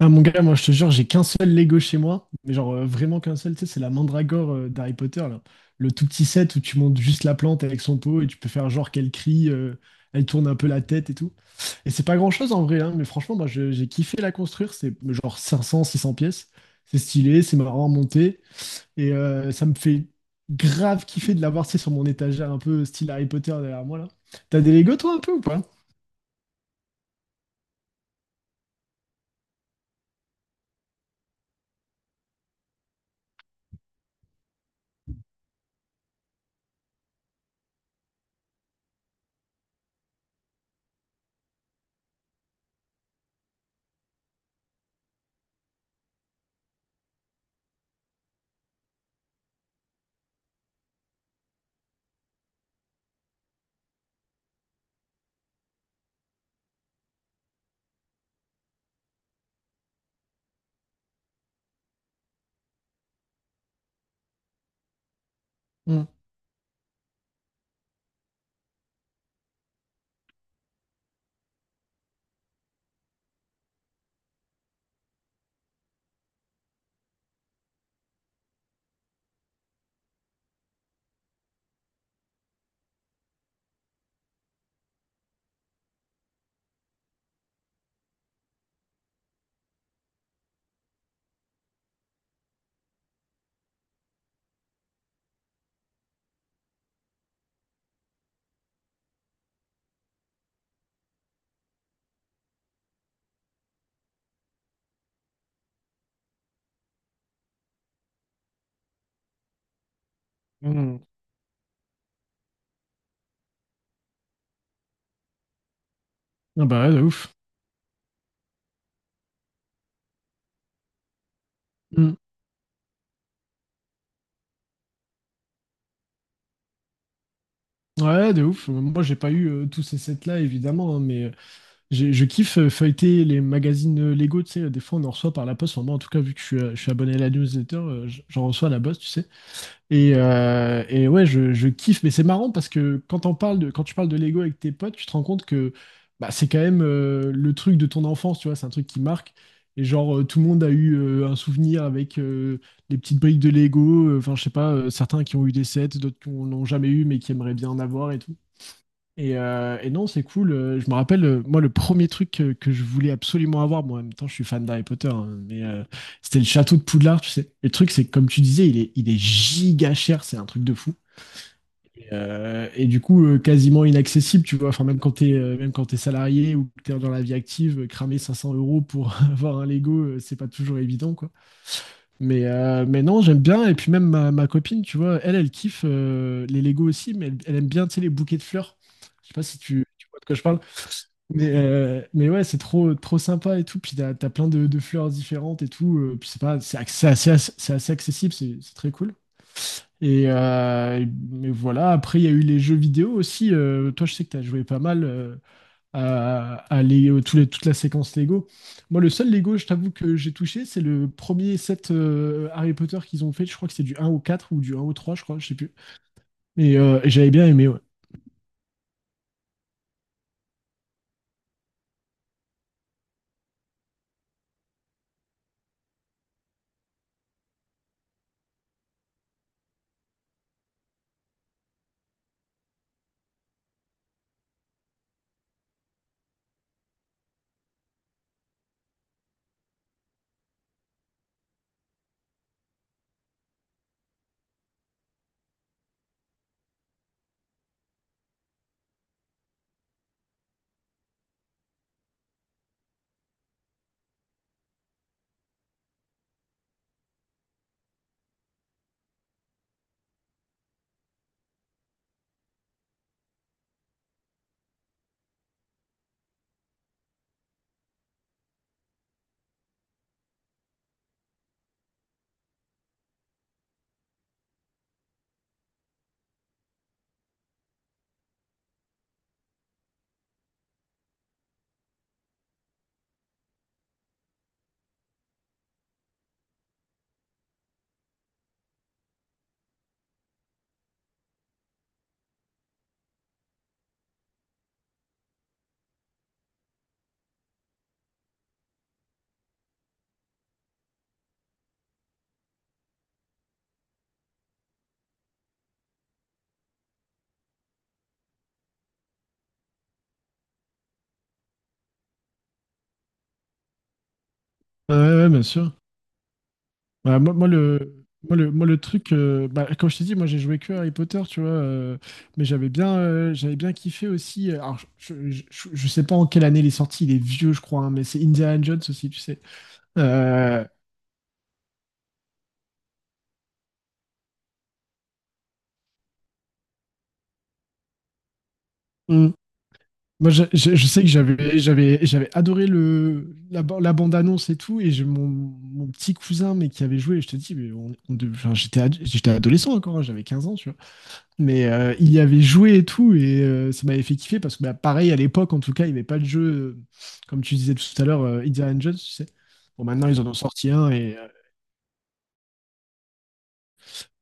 Ah mon gars, moi je te jure, j'ai qu'un seul Lego chez moi, mais genre vraiment qu'un seul, tu sais, c'est la mandragore d'Harry Potter, là. Le tout petit set où tu montes juste la plante avec son pot et tu peux faire genre qu'elle crie, elle tourne un peu la tête et tout. Et c'est pas grand-chose en vrai, hein, mais franchement, j'ai kiffé la construire, c'est genre 500, 600 pièces, c'est stylé, c'est marrant à monter, et ça me fait grave kiffer de l'avoir, tu sais, sur mon étagère un peu style Harry Potter derrière moi, là. T'as des Lego toi un peu ou pas? Hmm. Hmm. Ah bah ouais, de ouf. Ouais, de ouf. Moi, j'ai pas eu tous ces sets-là, évidemment, hein, mais je kiffe feuilleter les magazines Lego, tu sais. Des fois, on en reçoit par la poste. Enfin, moi, en tout cas, vu que je suis abonné à la newsletter, j'en reçois à la poste, tu sais. Et ouais, je kiffe. Mais c'est marrant parce que quand tu parles de Lego avec tes potes, tu te rends compte que bah, c'est quand même le truc de ton enfance, tu vois. C'est un truc qui marque. Et genre, tout le monde a eu un souvenir avec... les petites briques de Lego, enfin je sais pas, certains qui ont eu des sets, d'autres qui n'ont jamais eu mais qui aimeraient bien en avoir et tout. Et non, c'est cool. Je me rappelle, moi, le premier truc que je voulais absolument avoir, moi, en même temps, je suis fan d'Harry Potter, hein, mais c'était le château de Poudlard, tu sais. Le truc, c'est que, comme tu disais, il est giga cher, c'est un truc de fou. Et du coup, quasiment inaccessible, tu vois. Enfin, même quand t'es salarié ou que t'es dans la vie active, cramer 500 euros pour avoir un Lego, c'est pas toujours évident, quoi. Mais non, j'aime bien. Et puis même ma copine, tu vois, elle kiffe les Lego aussi, mais elle aime bien, tu sais, les bouquets de fleurs. Je sais pas si tu vois de quoi je parle. Mais ouais, c'est trop, trop sympa et tout. Puis t'as plein de fleurs différentes et tout. Puis c'est pas, c'est ac- c'est assez accessible, c'est très cool. Et euh, mais voilà, après il y a eu les jeux vidéo aussi. Toi, je sais que t'as joué pas mal à Lego- toute la séquence Lego. Moi, le seul Lego, je t'avoue que j'ai touché, c'est le premier set Harry Potter qu'ils ont fait. Je crois que c'est du un au 4 ou du un au 3 je crois, je sais plus. Mais j'avais bien aimé, ouais. Ouais, ouais, bien sûr. Bah, moi, le truc, bah, comme je t'ai dit, moi, j'ai joué que à Harry Potter, tu vois, mais j'avais bien kiffé aussi. Alors, je sais pas en quelle année il est sorti, il est vieux, je crois, hein, mais c'est Indiana Jones aussi, tu sais. Euh, hum. Je sais que j'avais adoré la bande-annonce et tout, et j'ai mon petit cousin, mais qui avait joué, et je te dis, mais enfin, j'étais adolescent encore, hein, j'avais 15 ans, tu vois. Mais il y avait joué et tout, et ça m'avait fait kiffer parce que, bah, pareil, à l'époque, en tout cas, il n'y avait pas de jeu, euh, comme tu disais tout à l'heure, Indiana Jones, tu sais. Bon, maintenant, ils en ont sorti un, et, euh,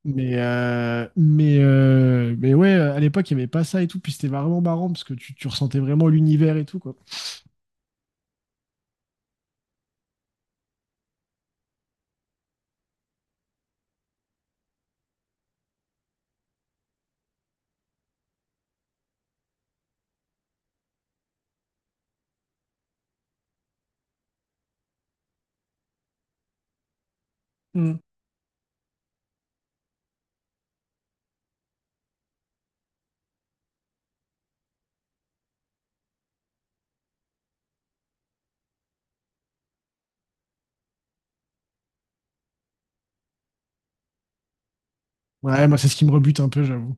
mais, euh, mais, euh, mais ouais, à l'époque, il n'y avait pas ça et tout, puis c'était vraiment marrant parce que tu ressentais vraiment l'univers et tout, quoi. Mm. Ouais, moi, c'est ce qui me rebute un peu, j'avoue.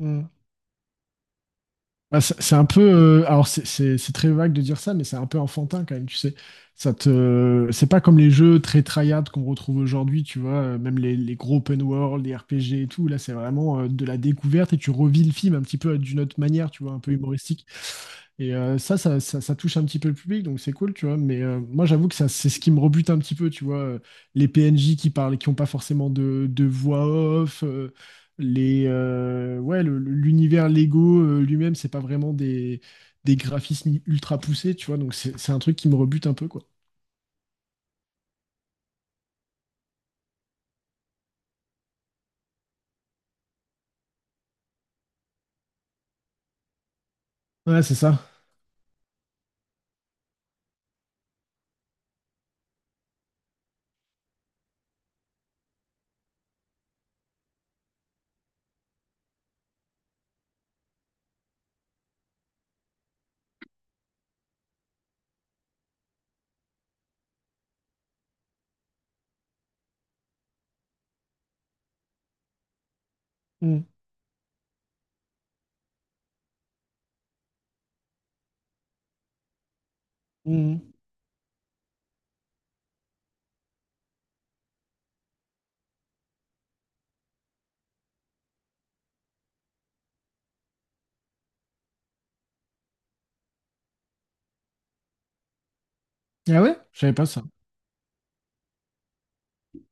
Mm. Bah, c'est un peu. Alors, c'est très vague de dire ça, mais c'est un peu enfantin quand même, tu sais. C'est pas comme les jeux très tryhard qu'on retrouve aujourd'hui, tu vois. Même les gros open world, les RPG et tout. Là, c'est vraiment de la découverte et tu revis le film un petit peu d'une autre manière, tu vois, un peu humoristique. Et ça touche un petit peu le public, donc c'est cool, tu vois. Mais moi, j'avoue que ça, c'est ce qui me rebute un petit peu, tu vois. Les PNJ qui parlent, et qui n'ont pas forcément de voix off, ouais, l'univers Lego lui-même, c'est pas vraiment des graphismes ultra poussés, tu vois. Donc c'est un truc qui me rebute un peu, quoi. Ouais, c'est ça. Mm, mm. Ah ouais? Je savais pas ça.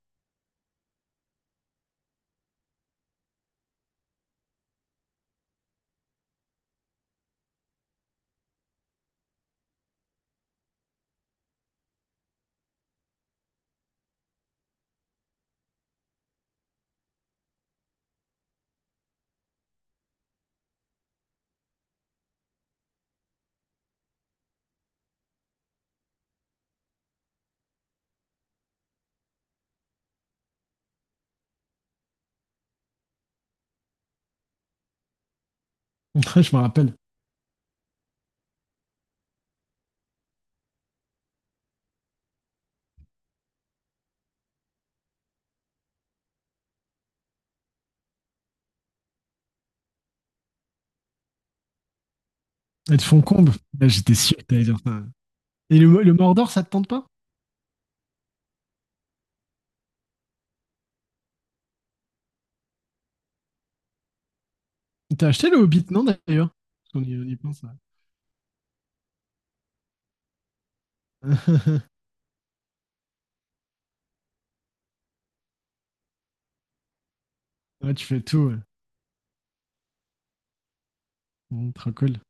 Je me rappelle. Elles te font combe. Là, j'étais sûr que t'allais dire ça. Et le Mordor, ça te tente pas? T'as acheté le Hobbit, non, d'ailleurs? Parce qu'on on y pense. Ouais. Ouais, tu fais tout, ouais. Mm, trop cool.